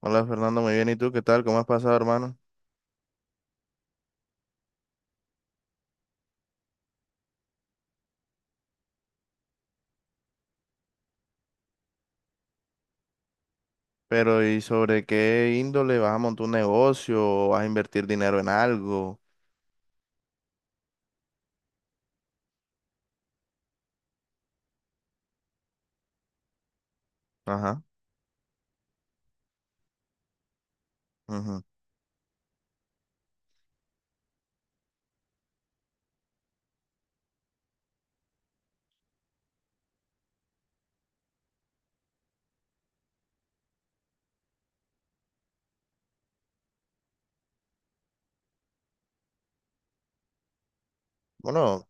Hola Fernando, muy bien. ¿Y tú qué tal? ¿Cómo has pasado, hermano? Pero ¿y sobre qué índole vas a montar un negocio o vas a invertir dinero en algo? Ajá. Ujú. Bueno,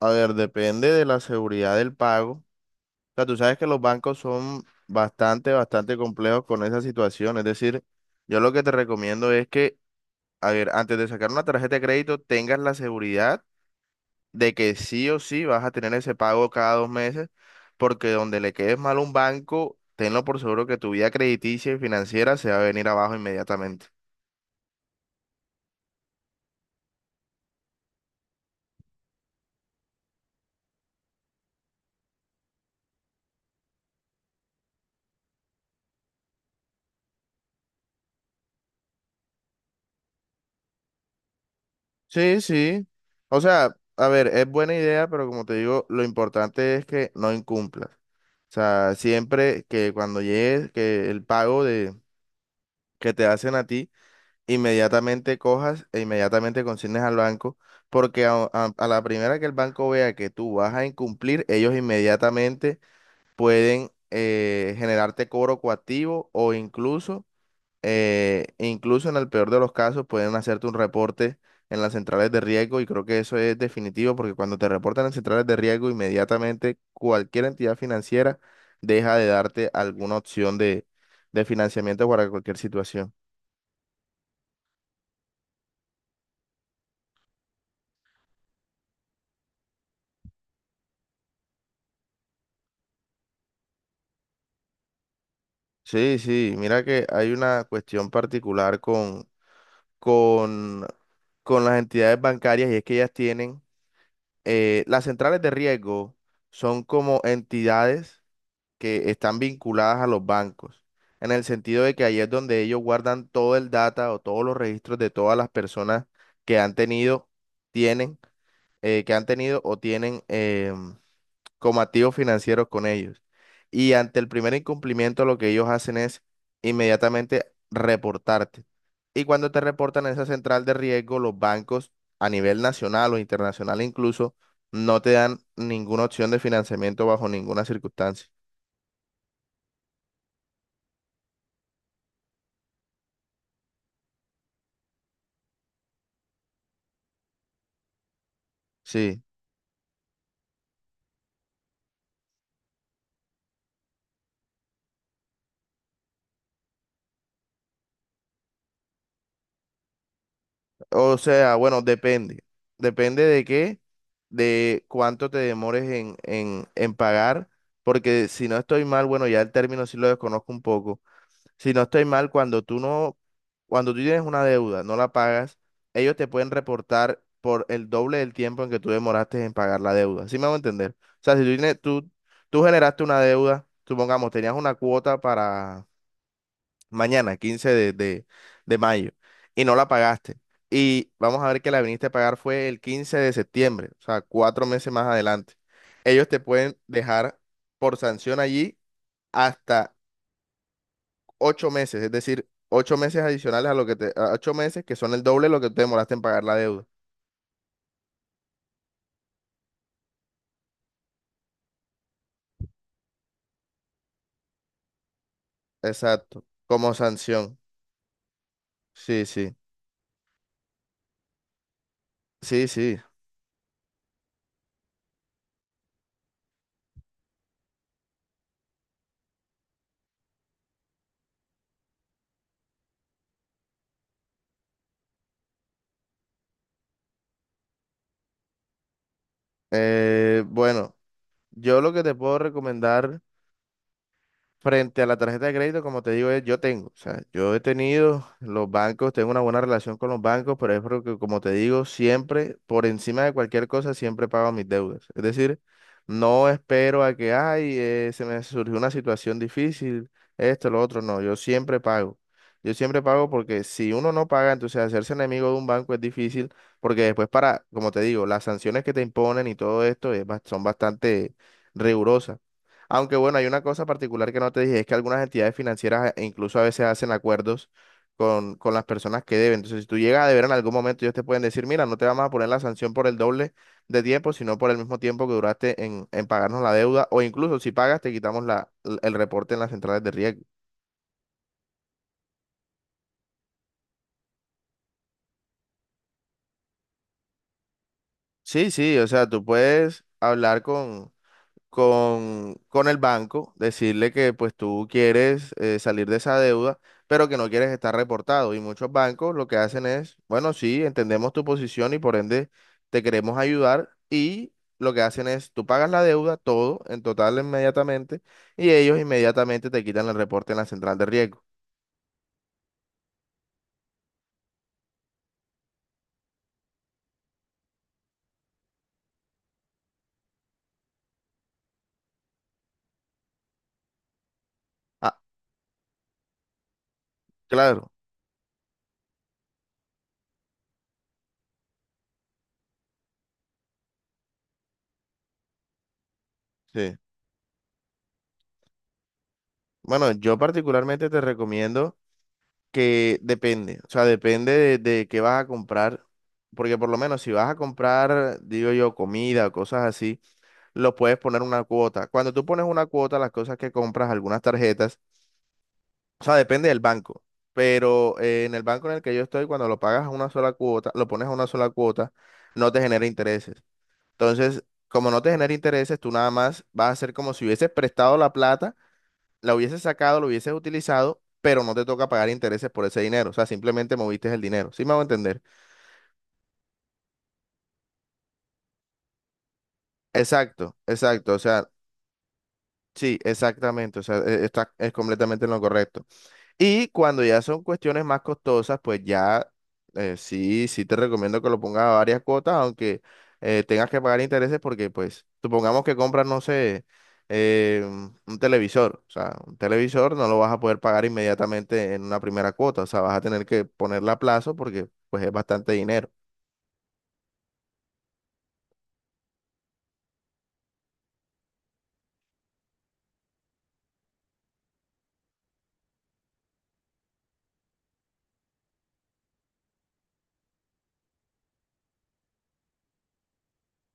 a ver, depende de la seguridad del pago. O sea, tú sabes que los bancos son bastante, bastante complejos con esa situación. Es decir, yo lo que te recomiendo es que, a ver, antes de sacar una tarjeta de crédito, tengas la seguridad de que sí o sí vas a tener ese pago cada 2 meses, porque donde le quedes mal a un banco, tenlo por seguro que tu vida crediticia y financiera se va a venir abajo inmediatamente. Sí, sí. O sea, a ver, es buena idea, pero como te digo, lo importante es que no incumplas. O sea, siempre que cuando llegues, que el pago de, que te hacen a ti, inmediatamente cojas e inmediatamente consignes al banco, porque a la primera que el banco vea que tú vas a incumplir, ellos inmediatamente pueden generarte cobro coactivo o incluso en el peor de los casos, pueden hacerte un reporte en las centrales de riesgo y creo que eso es definitivo porque cuando te reportan en centrales de riesgo, inmediatamente cualquier entidad financiera deja de darte alguna opción de financiamiento para cualquier situación. Sí, sí, mira que hay una cuestión particular con, con las entidades bancarias y es que ellas tienen las centrales de riesgo son como entidades que están vinculadas a los bancos, en el sentido de que ahí es donde ellos guardan todo el data o todos los registros de todas las personas que han tenido, tienen, que han tenido o tienen como activos financieros con ellos. Y ante el primer incumplimiento, lo que ellos hacen es inmediatamente reportarte. Y cuando te reportan a esa central de riesgo, los bancos a nivel nacional o internacional incluso no te dan ninguna opción de financiamiento bajo ninguna circunstancia. Sí. O sea, bueno, depende. Depende de qué, de cuánto te demores en pagar, porque si no estoy mal, bueno, ya el término sí lo desconozco un poco. Si no estoy mal, cuando tú tienes una deuda, no la pagas, ellos te pueden reportar por el doble del tiempo en que tú demoraste en pagar la deuda. ¿Sí me hago entender? O sea, si tú tienes, tú generaste una deuda, supongamos, tenías una cuota para mañana, 15 de mayo, y no la pagaste. Y vamos a ver que la viniste a pagar fue el 15 de septiembre, o sea, 4 meses más adelante. Ellos te pueden dejar por sanción allí hasta 8 meses, es decir, 8 meses adicionales a 8 meses que son el doble de lo que te demoraste en pagar la deuda. Exacto, como sanción. Sí, sí, sí, sí. Bueno, yo lo que te puedo recomendar. Frente a la tarjeta de crédito, como te digo, o sea, yo he tenido los bancos, tengo una buena relación con los bancos, pero es porque, como te digo, siempre, por encima de cualquier cosa, siempre pago mis deudas. Es decir, no espero a que, ay, se me surgió una situación difícil, esto, lo otro, no, yo siempre pago. Yo siempre pago porque si uno no paga, entonces hacerse enemigo de un banco es difícil, porque después para, como te digo, las sanciones que te imponen y todo esto son bastante rigurosas. Aunque bueno, hay una cosa particular que no te dije, es que algunas entidades financieras incluso a veces hacen acuerdos con las personas que deben. Entonces, si tú llegas a deber en algún momento, ellos te pueden decir, mira, no te vamos a poner la sanción por el doble de tiempo, sino por el mismo tiempo que duraste en pagarnos la deuda, o incluso si pagas, te quitamos la, el reporte en las centrales de riesgo. Sí, sí, o sea, tú puedes hablar con el banco, decirle que pues tú quieres salir de esa deuda, pero que no quieres estar reportado. Y muchos bancos lo que hacen es, bueno, sí, entendemos tu posición y por ende te queremos ayudar y lo que hacen es, tú pagas la deuda, todo, en total inmediatamente, y ellos inmediatamente te quitan el reporte en la central de riesgo. Ah, claro, sí. Bueno, yo particularmente te recomiendo que depende, o sea, depende de qué vas a comprar, porque por lo menos si vas a comprar, digo yo, comida, o cosas así, lo puedes poner una cuota. Cuando tú pones una cuota, las cosas que compras, algunas tarjetas, o sea, depende del banco, pero en el banco en el que yo estoy, cuando lo pagas a una sola cuota, lo pones a una sola cuota, no te genera intereses. Entonces, como no te genera intereses, tú nada más vas a hacer como si hubieses prestado la plata la hubieses sacado, lo hubieses utilizado, pero no te toca pagar intereses por ese dinero. O sea, simplemente moviste el dinero. ¿Sí me hago entender? Exacto, exacto. O sea, sí, exactamente. O sea, está es completamente en lo correcto. Y cuando ya son cuestiones más costosas, pues ya sí, sí te recomiendo que lo pongas a varias cuotas, aunque tengas que pagar intereses porque, pues, supongamos que compras, no sé, un televisor. O sea, un televisor no lo vas a poder pagar inmediatamente en una primera cuota. O sea, vas a tener que ponerla a plazo porque, pues, es bastante dinero.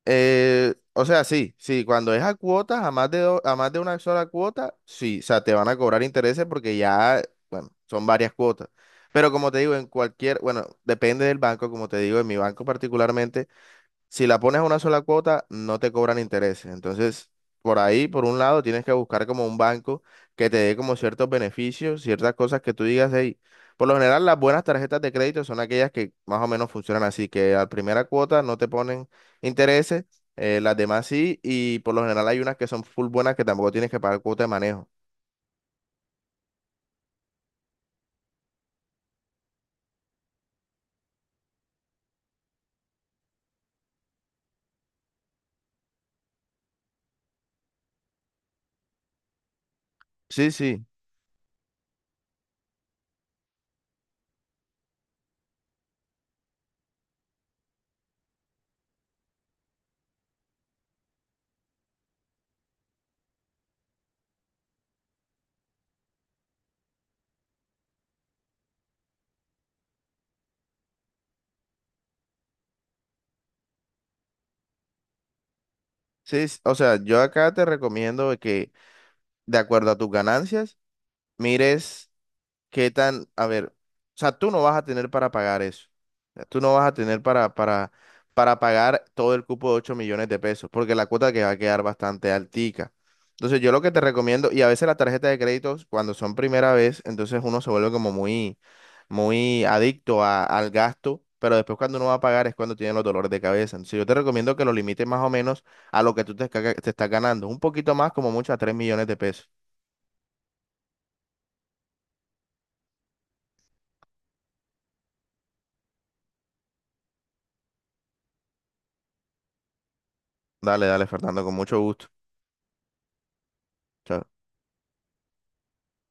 O sea, sí, sí, cuando es a cuotas, a más de una sola cuota, sí, o sea, te van a cobrar intereses porque ya, bueno, son varias cuotas. Pero como te digo, en cualquier, bueno, depende del banco, como te digo, en mi banco particularmente, si la pones a una sola cuota, no te cobran intereses. Entonces, por ahí, por un lado, tienes que buscar como un banco que te dé como ciertos beneficios, ciertas cosas que tú digas, hey, por lo general las buenas tarjetas de crédito son aquellas que más o menos funcionan así, que a primera cuota no te ponen intereses, las demás sí, y por lo general hay unas que son full buenas que tampoco tienes que pagar cuota de manejo. Sí, sí, sí, o sea, yo acá te recomiendo que de acuerdo a tus ganancias, mires qué tan, a ver, o sea, tú no vas a tener para pagar eso. O sea, tú no vas a tener para pagar todo el cupo de 8 millones de pesos, porque la cuota que va a quedar bastante altica. Entonces, yo lo que te recomiendo, y a veces las tarjetas de créditos, cuando son primera vez, entonces uno se vuelve como muy, muy adicto al gasto, pero después cuando uno va a pagar es cuando tiene los dolores de cabeza. Entonces, yo te recomiendo que lo limites más o menos a lo que te estás ganando, un poquito más, como mucho a 3 millones de pesos. Dale, dale, Fernando, con mucho gusto. Chao,